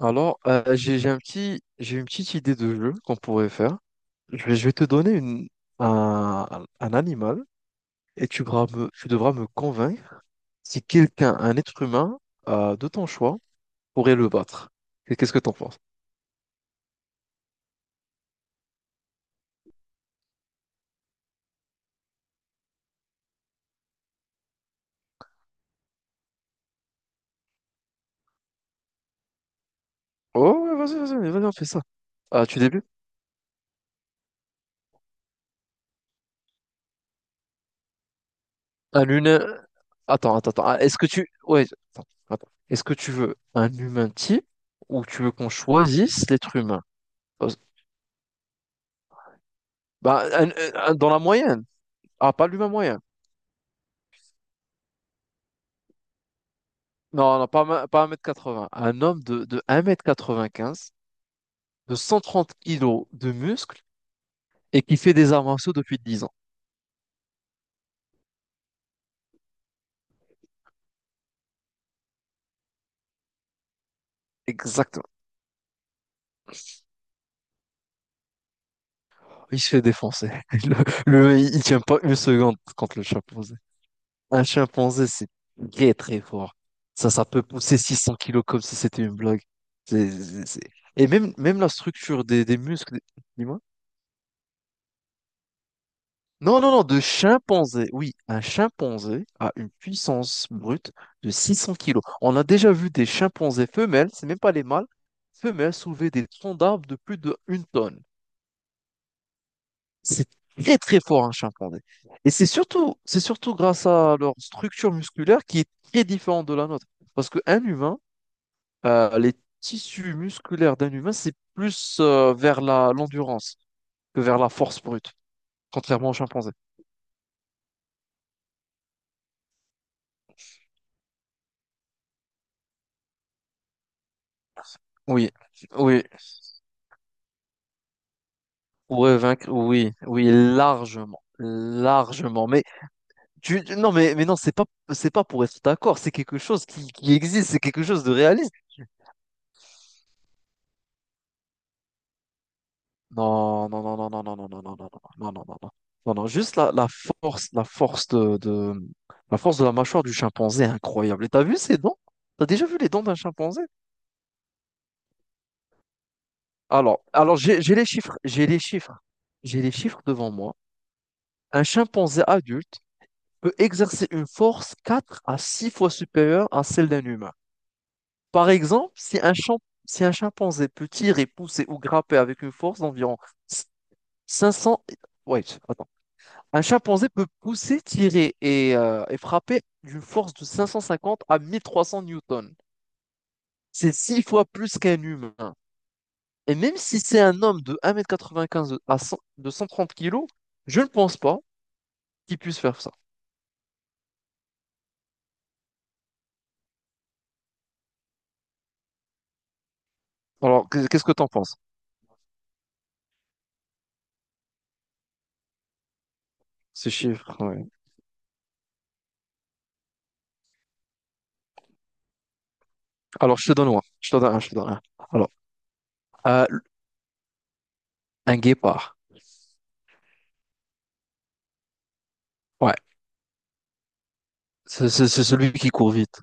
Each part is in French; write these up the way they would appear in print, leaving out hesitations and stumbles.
Alors, j'ai j'ai une petite idée de jeu qu'on pourrait faire. Je vais te donner un animal et tu devras me convaincre si un être humain de ton choix, pourrait le battre. Et qu'est-ce que t'en penses? Oh, ouais, vas-y, vas-y, vas-y, vas-y, on fait ça. Ah, tu débutes? Un humain. Attends, attends, attends. Ah, est-ce que tu. Ouais, attends, attends. Est-ce que tu veux un humain type ou tu veux qu'on choisisse l'être humain? Parce- Bah, dans la moyenne. Ah, pas l'humain moyen. Non, non, pas, pas 1,80 m. Un homme de un mètre quatre-vingt-quinze, de 130 kilos de muscles et qui fait des arts martiaux depuis 10 ans. Exactement. Il se fait défoncer. Le Il tient pas une seconde contre le chimpanzé. Un chimpanzé, c'est très très fort. Ça peut pousser 600 kilos comme si c'était une blague. C'est- c'est- c'est- Et même, même la structure des muscles. Dis Non, non, non, de chimpanzé. Oui, un chimpanzé a une puissance brute de 600 kilos. On a déjà vu des chimpanzés femelles, c'est même pas les mâles, femelles soulever des troncs d'arbres de plus de une tonne. C'est très très fort un chimpanzé. Et c'est surtout grâce à leur structure musculaire qui est très différente de la nôtre. Parce qu'un humain, les tissus musculaires d'un humain, c'est plus vers l'endurance que vers la force brute, contrairement au chimpanzé. Oui, oui. Ouais, vaincre, oui, oui, largement, largement. Mais non, mais non, c'est pas pour être d'accord. C'est quelque chose qui existe, c'est quelque chose de réaliste. Non, non, non, non, non, non, non, non, non, non, non, non, non, non, non, non, non. Juste la force de la mâchoire du chimpanzé est incroyable. Et t'as vu ses dents? T'as déjà vu les dents d'un chimpanzé? Alors, j'ai les chiffres devant moi. Un chimpanzé adulte peut exercer une force 4 à 6 fois supérieure à celle d'un humain. Par exemple, si un chimpanzé peut tirer, pousser ou grapper avec une force d'environ 500. Ouais, attends. Un chimpanzé peut pousser, tirer et frapper d'une force de 550 à 1 300 newtons. C'est six fois plus qu'un humain. Et même si c'est un homme de 1,95 m à 100 de 130 kilos, je ne pense pas qu'il puisse faire ça. Alors, qu'est-ce que t'en penses? Ces chiffres, ouais. Alors, je te donne un. Alors, euh, un guépard. Ouais. C'est celui qui court vite.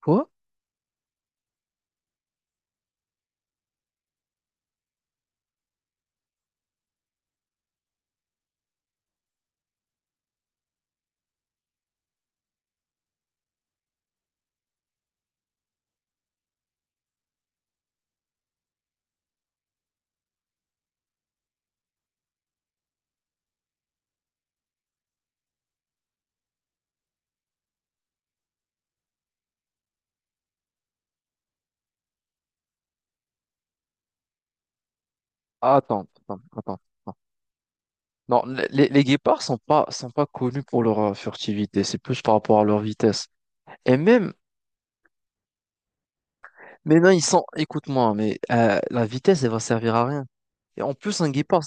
Quoi? Attends, attends, attends, attends. Non, les guépards sont pas connus pour leur furtivité, c'est plus par rapport à leur vitesse. Et même, mais non, ils sont, écoute-moi, mais la vitesse, elle va servir à rien. Et en plus, un guépard,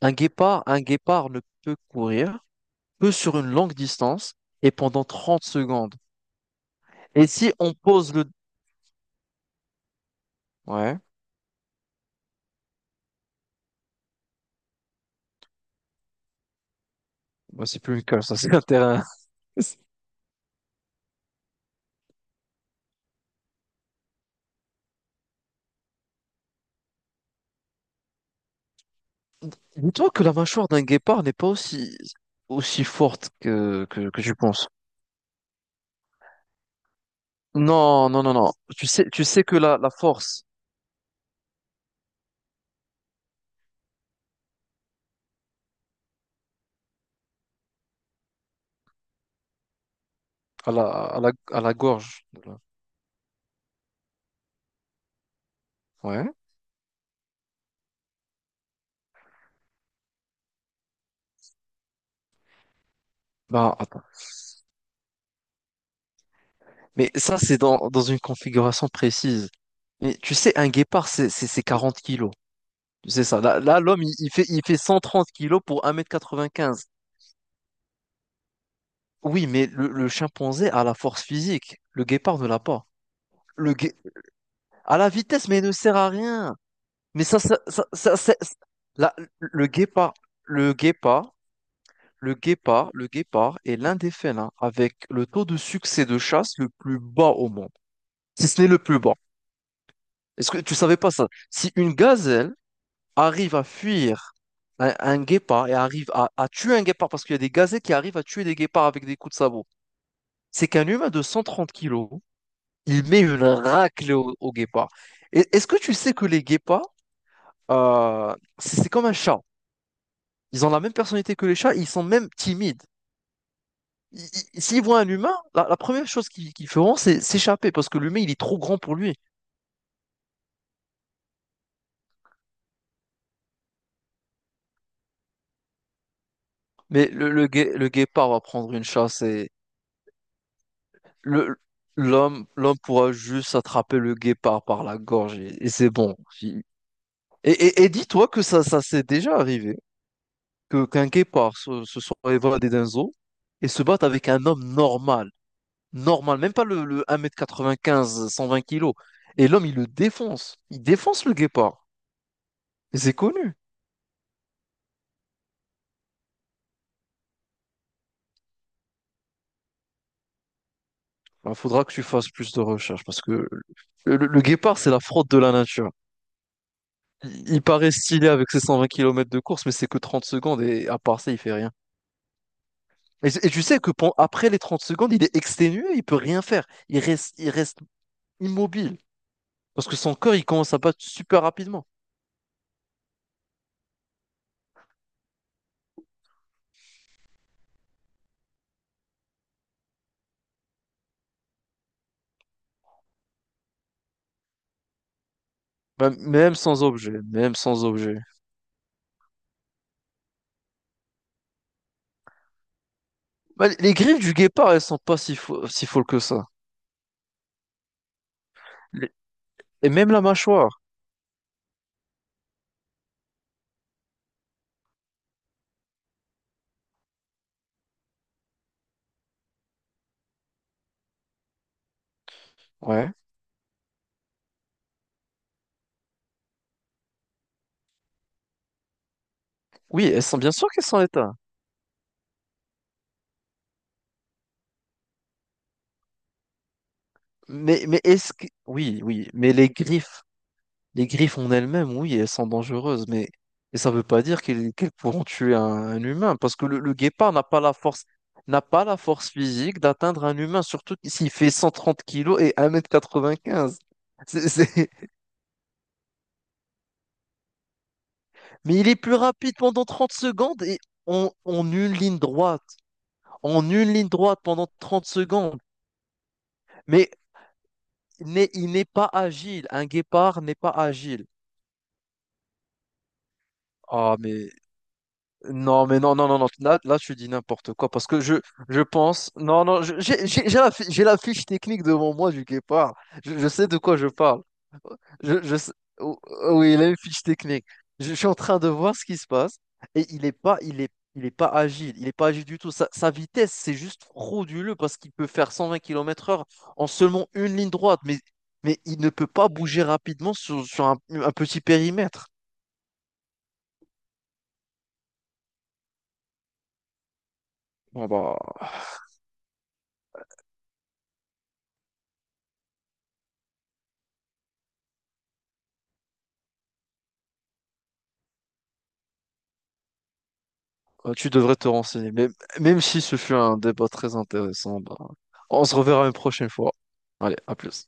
un guépard, un guépard ne peut courir que sur une longue distance et pendant 30 secondes. Et si on pose le. Ouais, bah, c'est plus une colle, ça c'est un terrain. Dis-toi que la mâchoire d'un guépard n'est pas aussi forte que tu penses. Non, non, non, non. Tu sais que la force à la gorge. Ouais. Bah, attends. Mais ça, c'est dans une configuration précise. Mais tu sais, un guépard, c'est 40 kilos. Tu sais ça. Là, là, l'homme, il fait 130 kilos pour 1,95 m. Oui, mais le chimpanzé a la force physique. Le guépard ne l'a pas. Le gué- à la vitesse, mais il ne sert à rien. Mais ça, ça, ça, ça- ça- ça- la- le guépard, le guépard, le guépard est l'un des félins avec le taux de succès de chasse le plus bas au monde, si ce n'est le plus bas. Est-ce que tu savais pas ça? Si une gazelle arrive à fuir un guépard et arrive à tuer un guépard, parce qu'il y a des gazelles qui arrivent à tuer des guépards avec des coups de sabot, c'est qu'un humain de 130 kilos, il met une raclée au guépard. Est-ce que tu sais que les guépards, c'est comme un chat. Ils ont la même personnalité que les chats, ils sont même timides. Ils- S'ils voient un humain, la première chose qu'ils feront, c'est s'échapper parce que l'humain, il est trop grand pour lui. Mais le guépard va prendre une chasse le, l'homme pourra juste attraper le guépard par la gorge et c'est bon. Il- et dis-toi que ça s'est déjà arrivé, que qu'un guépard se soit évadé d'un zoo et se batte avec un homme normal, normal, même pas le 1,95 m, 120 kilos. Et l'homme, il le défonce, il défonce le guépard. C'est connu. Il faudra que tu fasses plus de recherches parce que le guépard, c'est la fraude de la nature. Il paraît stylé avec ses 120 km de course, mais c'est que 30 secondes et à part ça, il fait rien. Et tu sais que après les 30 secondes, il est exténué, il peut rien faire. Il reste immobile parce que son corps, il commence à battre super rapidement. Même, même sans objet, même sans objet. Bah, les griffes du guépard, elles sont pas si folles que ça. Les- Et même la mâchoire. Ouais. Oui, elles sont bien sûr qu'elles sont éteintes. Mais est-ce que. Oui, oui, mais les griffes en elles-mêmes, oui, elles sont dangereuses, et ça ne veut pas dire qu'elles pourront tuer un humain, parce que le guépard n'a pas la force physique d'atteindre un humain, surtout s'il fait 130 kilos et 1,95 m. C'est, c'est- Mais il est plus rapide pendant 30 secondes et en, en une ligne droite, en une ligne droite pendant 30 secondes. Mais il n'est pas agile, un guépard n'est pas agile. Ah, mais non, mais non, non, non, non. Là, là, tu dis n'importe quoi parce que je pense. Non, non, j'ai la fiche technique devant moi du guépard. Je sais de quoi je parle. Je, je sais- oh, oh, oui, il a une fiche technique. Je suis en train de voir ce qui se passe et il est pas agile. Il est pas agile du tout. Sa vitesse, c'est juste frauduleux parce qu'il peut faire 120 km heure en seulement une ligne droite. Mais il ne peut pas bouger rapidement sur un petit périmètre. Bon, bah. Tu devrais te renseigner. Mais même si ce fut un débat très intéressant, bah, on se reverra une prochaine fois. Allez, à plus.